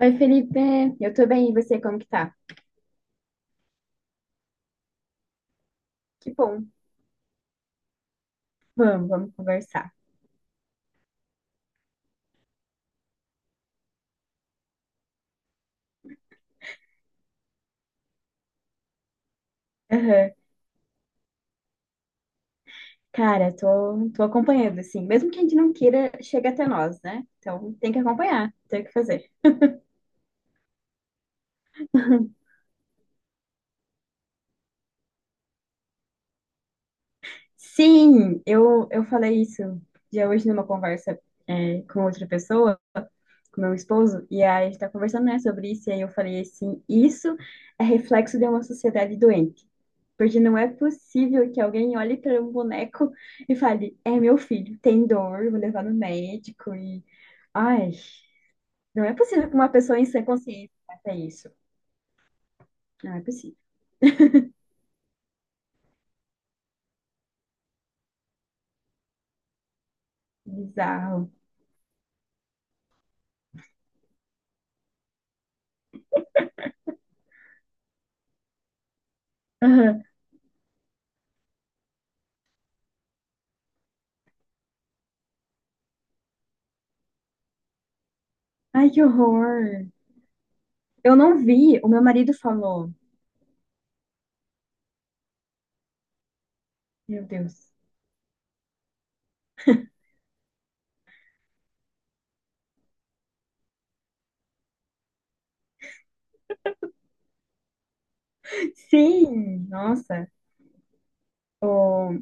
Oi, Felipe, eu tô bem, e você, como que tá? Que bom, vamos conversar. Aham. Cara, tô acompanhando, assim, mesmo que a gente não queira, chega até nós, né? Então tem que acompanhar, tem o que fazer. Sim, eu falei isso já hoje numa conversa com outra pessoa, com meu esposo, e aí a gente tá conversando, né, sobre isso, e aí eu falei assim, isso é reflexo de uma sociedade doente. Porque não é possível que alguém olhe para um boneco e fale: É meu filho, tem dor, vou levar no médico. E. Ai, não é possível que uma pessoa em sã consciência faça isso. Não é possível. Bizarro. Aham. Ai, que horror. Eu não vi, o meu marido falou. Meu Deus. Sim, nossa. O-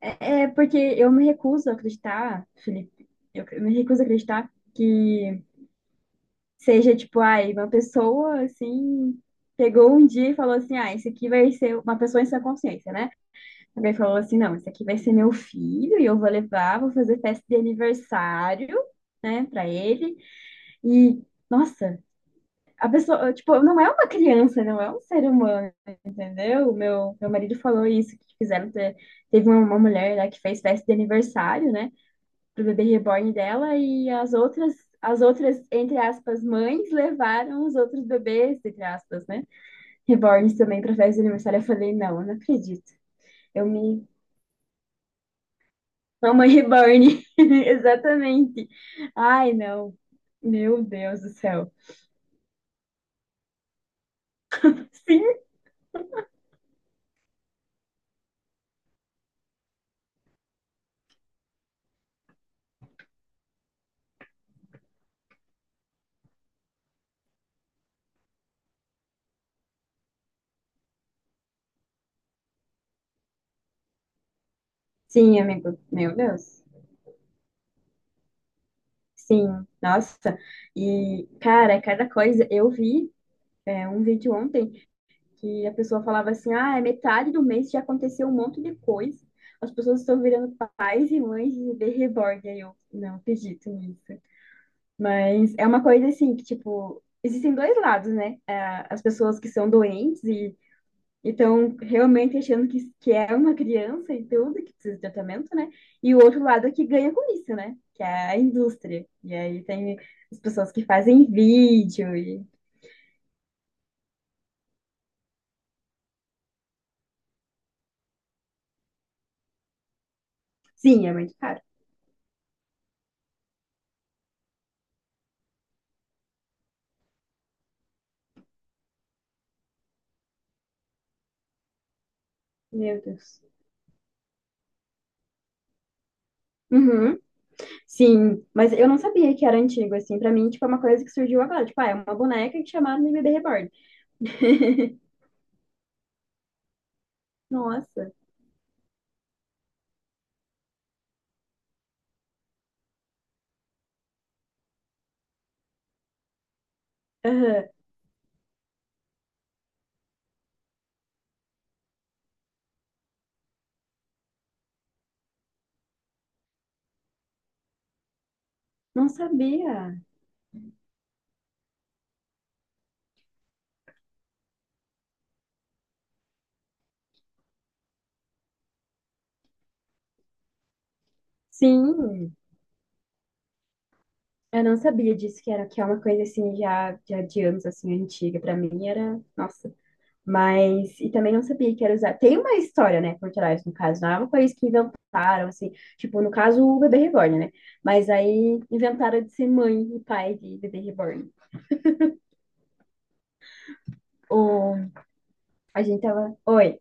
é porque eu me recuso a acreditar, Felipe. Eu me recuso a acreditar, que seja tipo, ai, uma pessoa assim, pegou um dia e falou assim: ah, esse aqui vai ser uma pessoa em sã consciência, né? Alguém falou assim: não, esse aqui vai ser meu filho e eu vou levar, vou fazer festa de aniversário, né, pra ele. E, nossa, a pessoa, tipo, não é uma criança, não é um ser humano, entendeu? O Meu marido falou isso, que fizeram, teve uma mulher lá que fez festa de aniversário, né? Pro bebê reborn dela e as outras, entre aspas, mães levaram os outros bebês, entre aspas, né? Reborns também pra festa de aniversário. Eu falei, não, não acredito. Eu me. Mamãe reborn. Exatamente. Ai, não. Meu Deus do céu. Sim. Sim, amigo. Meu Deus. Sim. Nossa. E, cara, cada coisa. Eu vi um vídeo ontem que a pessoa falava assim, ah, é metade do mês já aconteceu um monte de coisa. As pessoas estão virando pais e mães de bebê reborn. Aí eu não acredito nisso. Mas é uma coisa assim que, tipo, existem dois lados, né? As pessoas que são doentes e estão realmente achando que é uma criança e tudo, que precisa de tratamento, né? E o outro lado é que ganha com isso, né? Que é a indústria. E aí tem as pessoas que fazem vídeo e. Sim, é muito caro. Meu Deus. Uhum. Sim, mas eu não sabia que era antigo, assim. Pra mim, tipo, é uma coisa que surgiu agora. Tipo, ah, é uma boneca que chamaram de bebê reborn. Nossa, aham. Não sabia. Sim, eu não sabia disso, que era que é uma coisa assim já, de anos assim antiga. Pra mim era, nossa. Mas e também não sabia que era usar. Tem uma história, né, por trás, no caso, não é uma coisa que inventaram assim, tipo, no caso o bebê reborn, né? Mas aí inventaram de ser mãe e pai de bebê reborn. O A gente tava, oi.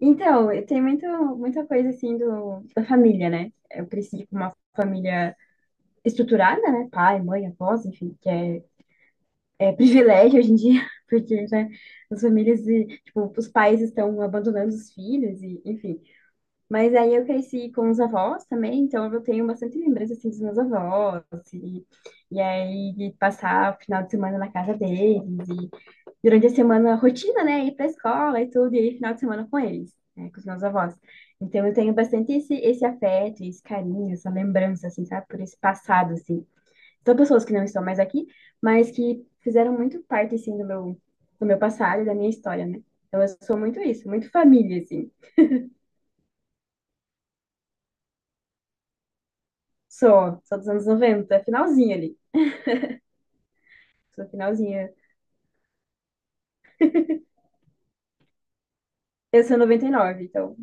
Então, eu tenho muito, muita coisa assim da família, né? Eu cresci com uma família estruturada, né? Pai, mãe, avós, enfim, que é privilégio hoje em dia, porque, né, as famílias, e, tipo, os pais estão abandonando os filhos, e, enfim. Mas aí eu cresci com os avós também, então eu tenho bastante lembrança, assim, dos meus avós, e, e aí de passar o final de semana na casa deles, durante a semana rotina, né? Ir para a escola e tudo, e aí final de semana com eles, né? Com os meus avós. Então eu tenho bastante esse afeto, esse carinho, essa lembrança, assim, sabe? Por esse passado, assim. São pessoas que não estão mais aqui, mas que fizeram muito parte, assim, do meu passado e da minha história, né? Então eu sou muito isso, muito família, assim. Sou dos anos 90, finalzinha ali. Sou finalzinha. Eu sou 99 então.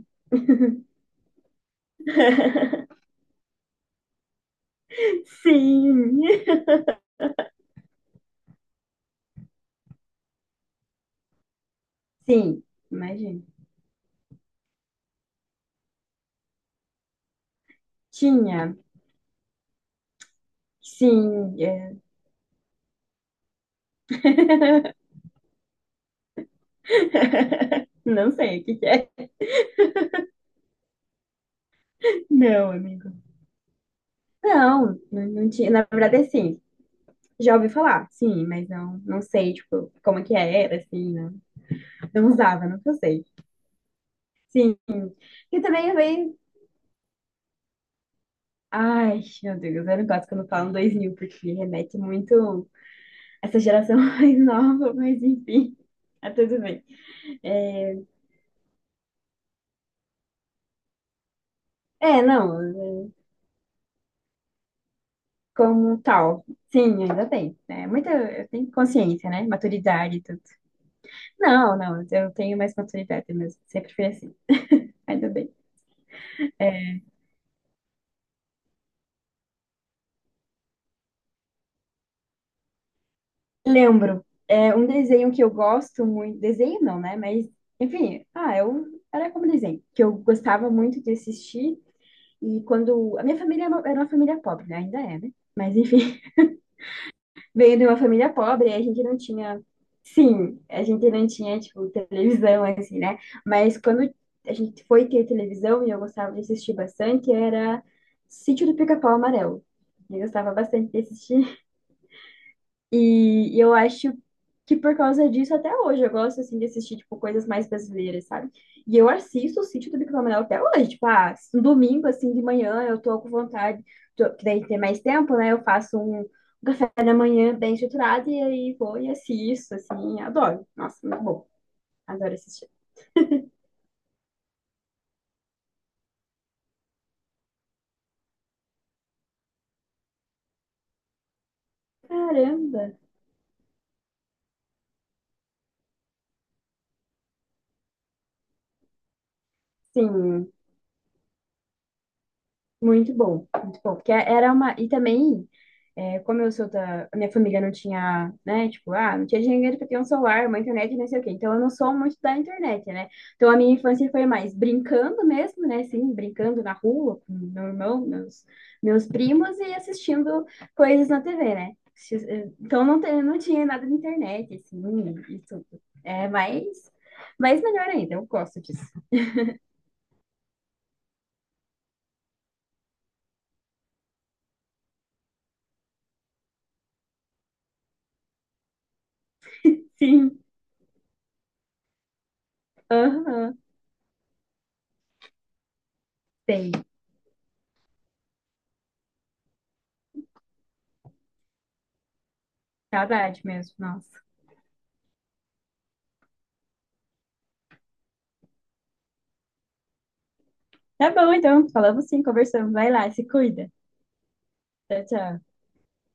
Sim, sim, imagina. Tinha, sim. É. Não sei o que que é. Não, amigo. Não, não, não tinha. Na verdade, assim, já ouvi falar, sim, mas não, não sei, tipo, como que era, assim, não, não usava, não sei. Sim, e também vem. Ai, meu Deus, eu não gosto quando falam 2000 porque remete muito a essa geração mais nova, mas enfim, tá tudo bem. É, é, não, como tal, sim, ainda tem, né? Muita, eu tenho consciência, né? Maturidade e tudo. Não, não, eu tenho mais maturidade mesmo, sempre fui assim. Ainda bem. Lembro, é um desenho que eu gosto muito, desenho não, né? Mas, enfim, ah, eu era como desenho, que eu gostava muito de assistir. E quando a minha família era uma família pobre, né? Ainda é, né? Mas enfim, veio de uma família pobre, a gente não tinha, sim, a gente não tinha tipo televisão assim, né? Mas quando a gente foi ter televisão e eu gostava de assistir bastante, era Sítio do Pica-Pau Amarelo. Eu gostava bastante de assistir. E eu acho que por causa disso, até hoje, eu gosto, assim, de assistir, tipo, coisas mais brasileiras, sabe? E eu assisto o Sítio do Pica-Pau até hoje, tipo, ah, um domingo, assim, de manhã, eu tô com vontade, tô, que daí tem mais tempo, né? Eu faço um café da manhã bem estruturado e aí vou e assisto, assim, adoro. Nossa, muito bom. Adoro assistir. Caramba! Sim, muito bom, muito bom. Porque era uma... E também... É, como eu sou a minha família não tinha, né? Tipo, ah, não tinha dinheiro pra ter um celular, uma internet, não sei o quê. Então, eu não sou muito da internet, né? Então, a minha infância foi mais brincando mesmo, né? Assim, brincando na rua com meu irmão, meus primos e assistindo coisas na TV, né? Então, não, não tinha nada de internet, assim, e tudo. É, mas melhor ainda, eu gosto disso. Sim, aham, sei. Saudade mesmo, nossa. Tá bom, então, falamos sim, conversamos. Vai lá, se cuida. Tchau, tchau.